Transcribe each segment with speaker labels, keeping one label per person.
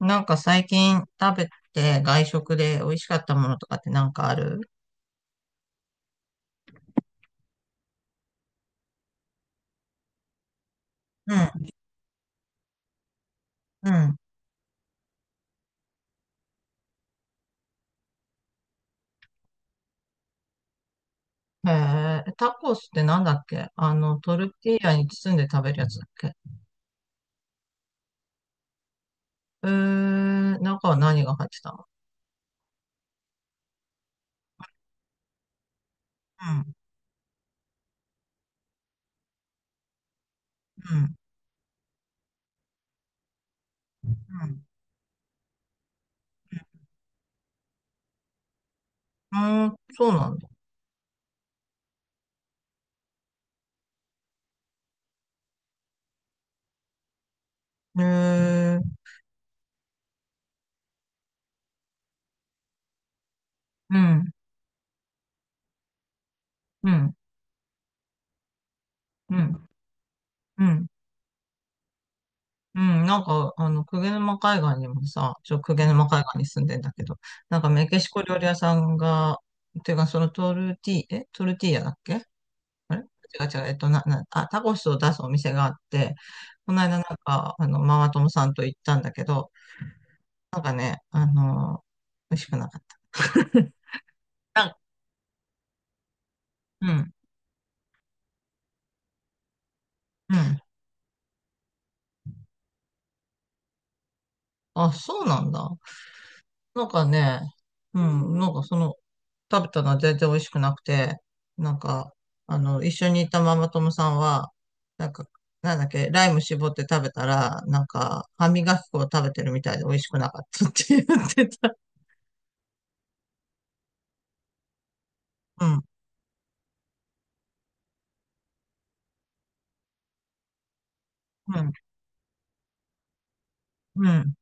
Speaker 1: なんか最近食べて外食で美味しかったものとかってなんかある？うん、うん。へえ、タコスってなんだっけ？あの、トルティーヤに包んで食べるやつだっけ？えー、中は何が入ってたの？うん、うん、うん。うーん、そうなんだ。へえ、うん、うん、うん、うん。うん、なんか、あの、鵠沼海岸にもさ、鵠沼海岸に住んでんだけど、なんかメキシコ料理屋さんが、ていうか、そのトルティーヤだっけ？あれ違う違う、えっと、な、な、あ、タコスを出すお店があって、この間なんか、あの、ママ友さんと行ったんだけど、なんかね、あの、美味しくなかった。なんうん、うん。あ、そうなんだ。なんかね、うん、なんかその、食べたのは全然美味しくなくて、なんか、あの、一緒にいたママ友さんは、なんか、なんだっけ、ライム絞って食べたら、なんか、歯磨き粉を食べてるみたいで美味しくなかったって言ってた。うん、うん、うん。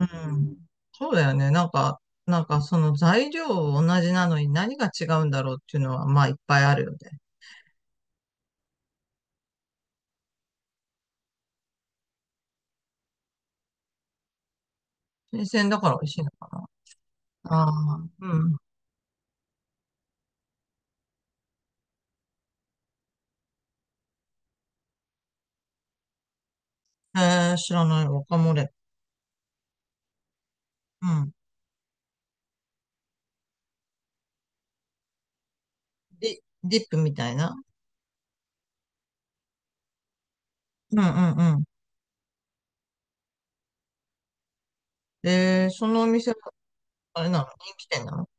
Speaker 1: うん。そうだよね。なんか、なんかその材料同じなのに何が違うんだろうっていうのは、まあいっぱいあるよね。新鮮だから美味しいのかな。ああ、うん。えー、知らない。ワカモレ。うん。ディ、ディップみたいな。うんうんうん。えー、そのお店は、あれなの？人気店なの？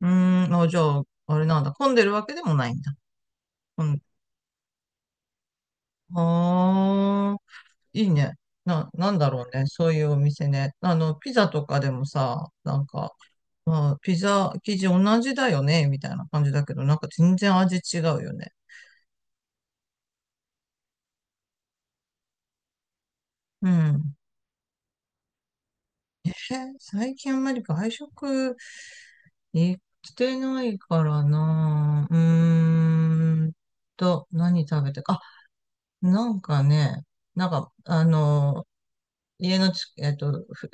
Speaker 1: うーん、あ、じゃあ、あれなんだ。混んでるわけでもないんだ。うん。ああ、いいね。なんだろうね。そういうお店ね。あの、ピザとかでもさ、なんか、まあ、ピザ生地同じだよね、みたいな感じだけど、なんか全然味違うよね。うん。最近あんまり外食行ってないからな。何食べてか。あ、なんかね、なんか、あの、家のち、えっと、ふ、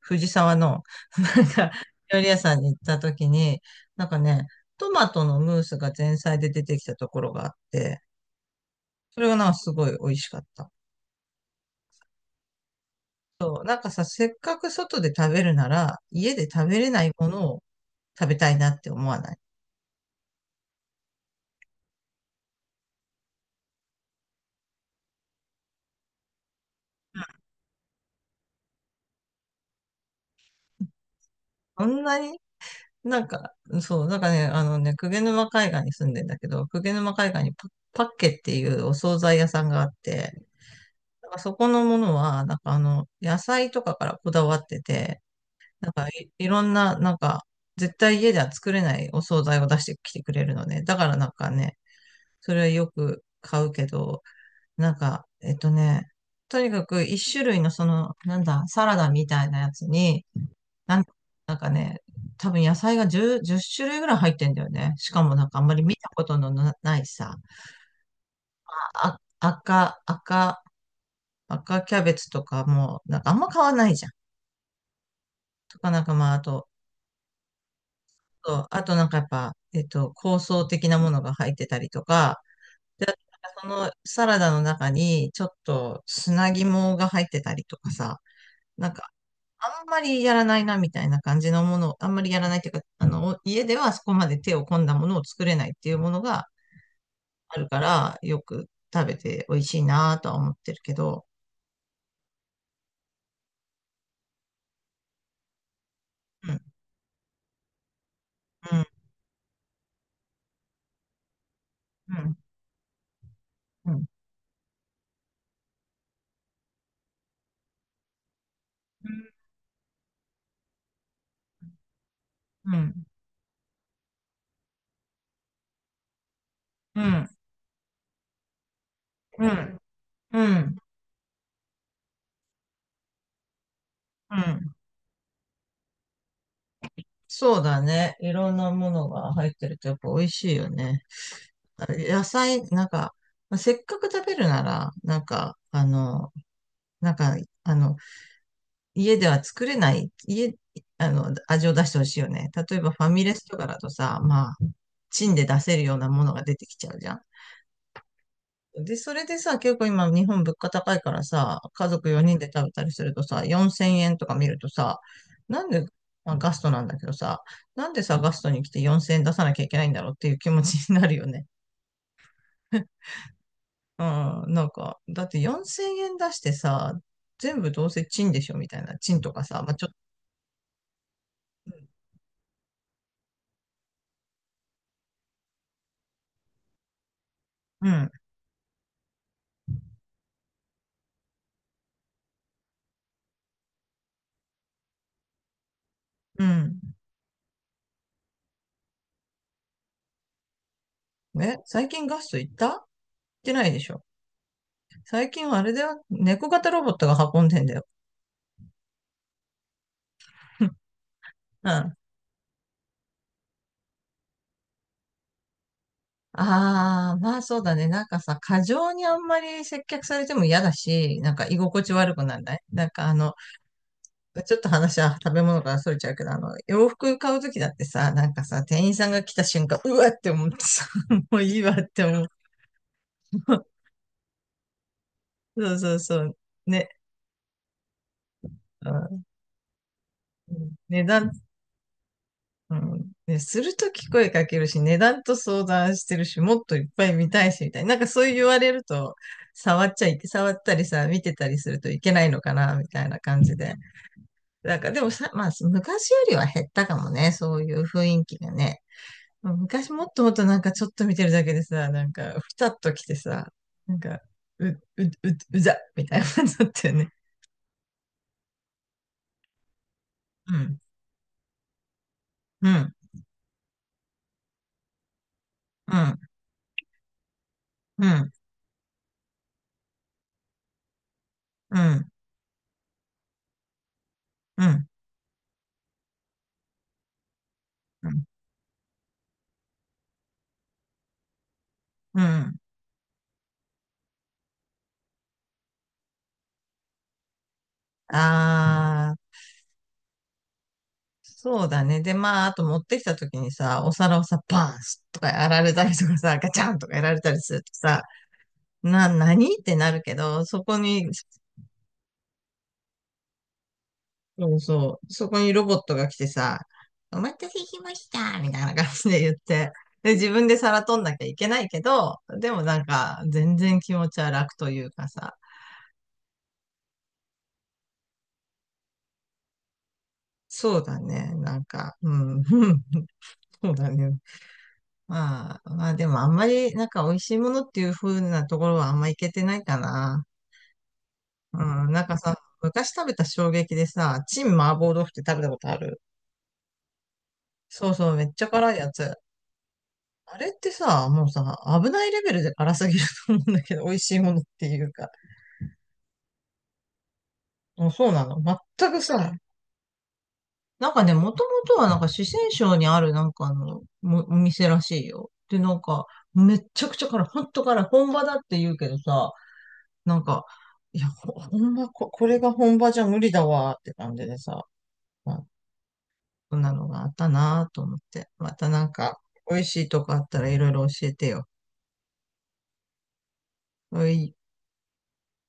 Speaker 1: 藤沢の、なんか、料理屋さんに行った時に、なんかね、トマトのムースが前菜で出てきたところがあって、それがなんかすごい美味しかった。そう、なんかさ、せっかく外で食べるなら、家で食べれないものを食べたいなって思わない？そんなになんか、そう、なんかね、あのね、鵠沼海岸に住んでんだけど、鵠沼海岸にパッケっていうお惣菜屋さんがあって、なんかそこのものは、なんかあの、野菜とかからこだわってて、なんかいろんな、なんか、絶対家では作れないお惣菜を出してきてくれるのね。だからなんかね、それはよく買うけど、なんか、とにかく一種類のその、なんだ、サラダみたいなやつに、なん、なんかね、多分野菜が10、じゅっ種類ぐらい入ってんだよね。しかもなんかあんまり見たことのないさ、あ、赤キャベツとかも、なんかあんま買わないじゃん。とかなんかまあ、あと、そうあとなんかやっぱ、香草的なものが入ってたりとか、で、そのサラダの中にちょっと砂肝が入ってたりとかさ、なんか、あんまりやらないなみたいな感じのものを、あんまりやらないっていうか、あの、家ではそこまで手を込んだものを作れないっていうものがあるから、よく食べて美味しいなとは思ってるけど、うん、うん、うん、うん、うん、うん、うん、うん、うん。そうだね。いろんなものが入ってるとやっぱ美味しいよね。あれ野菜、なんか、まあせっかく食べるなら、なんか、あの、なんか、あの、家では作れない、家、あの、味を出してほしいよね。例えばファミレスとかだとさ、まあ、チンで出せるようなものが出てきちゃうじゃん。で、それでさ、結構今日本物価高いからさ、家族4人で食べたりするとさ、4000円とか見るとさ、なんで、まあ、ガストなんだけどさ、なんでさ、ガストに来て4000円出さなきゃいけないんだろうっていう気持ちになるよね。うん、なんか、だって4000円出してさ、全部どうせチンでしょみたいな。チンとかさ、まあ、ちょっと、うん、うん。え、最近ガスト行ってないでしょ。最近はあれだよ。猫型ロボットが運んでんだよ。うん。ああ、まあそうだね。なんかさ、過剰にあんまり接客されても嫌だし、なんか居心地悪くならないなんかあの、ちょっと話は食べ物からそれちゃうけど、あの、洋服買うときだってさ、なんかさ、店員さんが来た瞬間、うわって思ってさ、もういいわって思う。そうそうそう。ね。うん。値段。うん。ね、するとき声かけるし、値段と相談してるし、もっといっぱい見たいし、みたいな。なんかそう言われると、触っちゃいけ、触ったりさ、見てたりするといけないのかな、みたいな感じで。なんかでもさ、まあ、昔よりは減ったかもね、そういう雰囲気がね。昔もっともっとなんかちょっと見てるだけでさ、なんか、ふたっと来てさ、なんか、う、う、う、うざ、みたいな感じだったよね。うん、うん、うん、うん、うん、うん、うん、うん。あー。そうだね。で、まあ、あと持ってきた時にさ、お皿をさ、バーンとかやられたりとかさ、ガチャンとかやられたりするとさ、何ってなるけど、そこに、そうそう、そこにロボットが来てさ、お待たせしましたみたいな感じで言って、で、自分で皿取んなきゃいけないけど、でもなんか、全然気持ちは楽というかさ、そうだね。なんか、うん、そうだね。まあ、まあでもあんまりなんか美味しいものっていう風なところはあんまいけてないかな。うん、なんかさ、昔食べた衝撃でさ、チン麻婆豆腐って食べたことある？そうそう、めっちゃ辛いやつ。あれってさ、もうさ、危ないレベルで辛すぎると思うんだけど、美味しいものっていうか。もうそうなの？全くさ、なんかね、もともとはなんか四川省にあるなんかあの、もお店らしいよ。で、なんか、めっちゃくちゃ辛い。ほんと辛い。本場だって言うけどさ、なんか、いや、ほんま、これが本場じゃ無理だわーって感じでさ、そんなのがあったなぁと思って。またなんか、美味しいとこあったらいろいろ教えてよ。はい。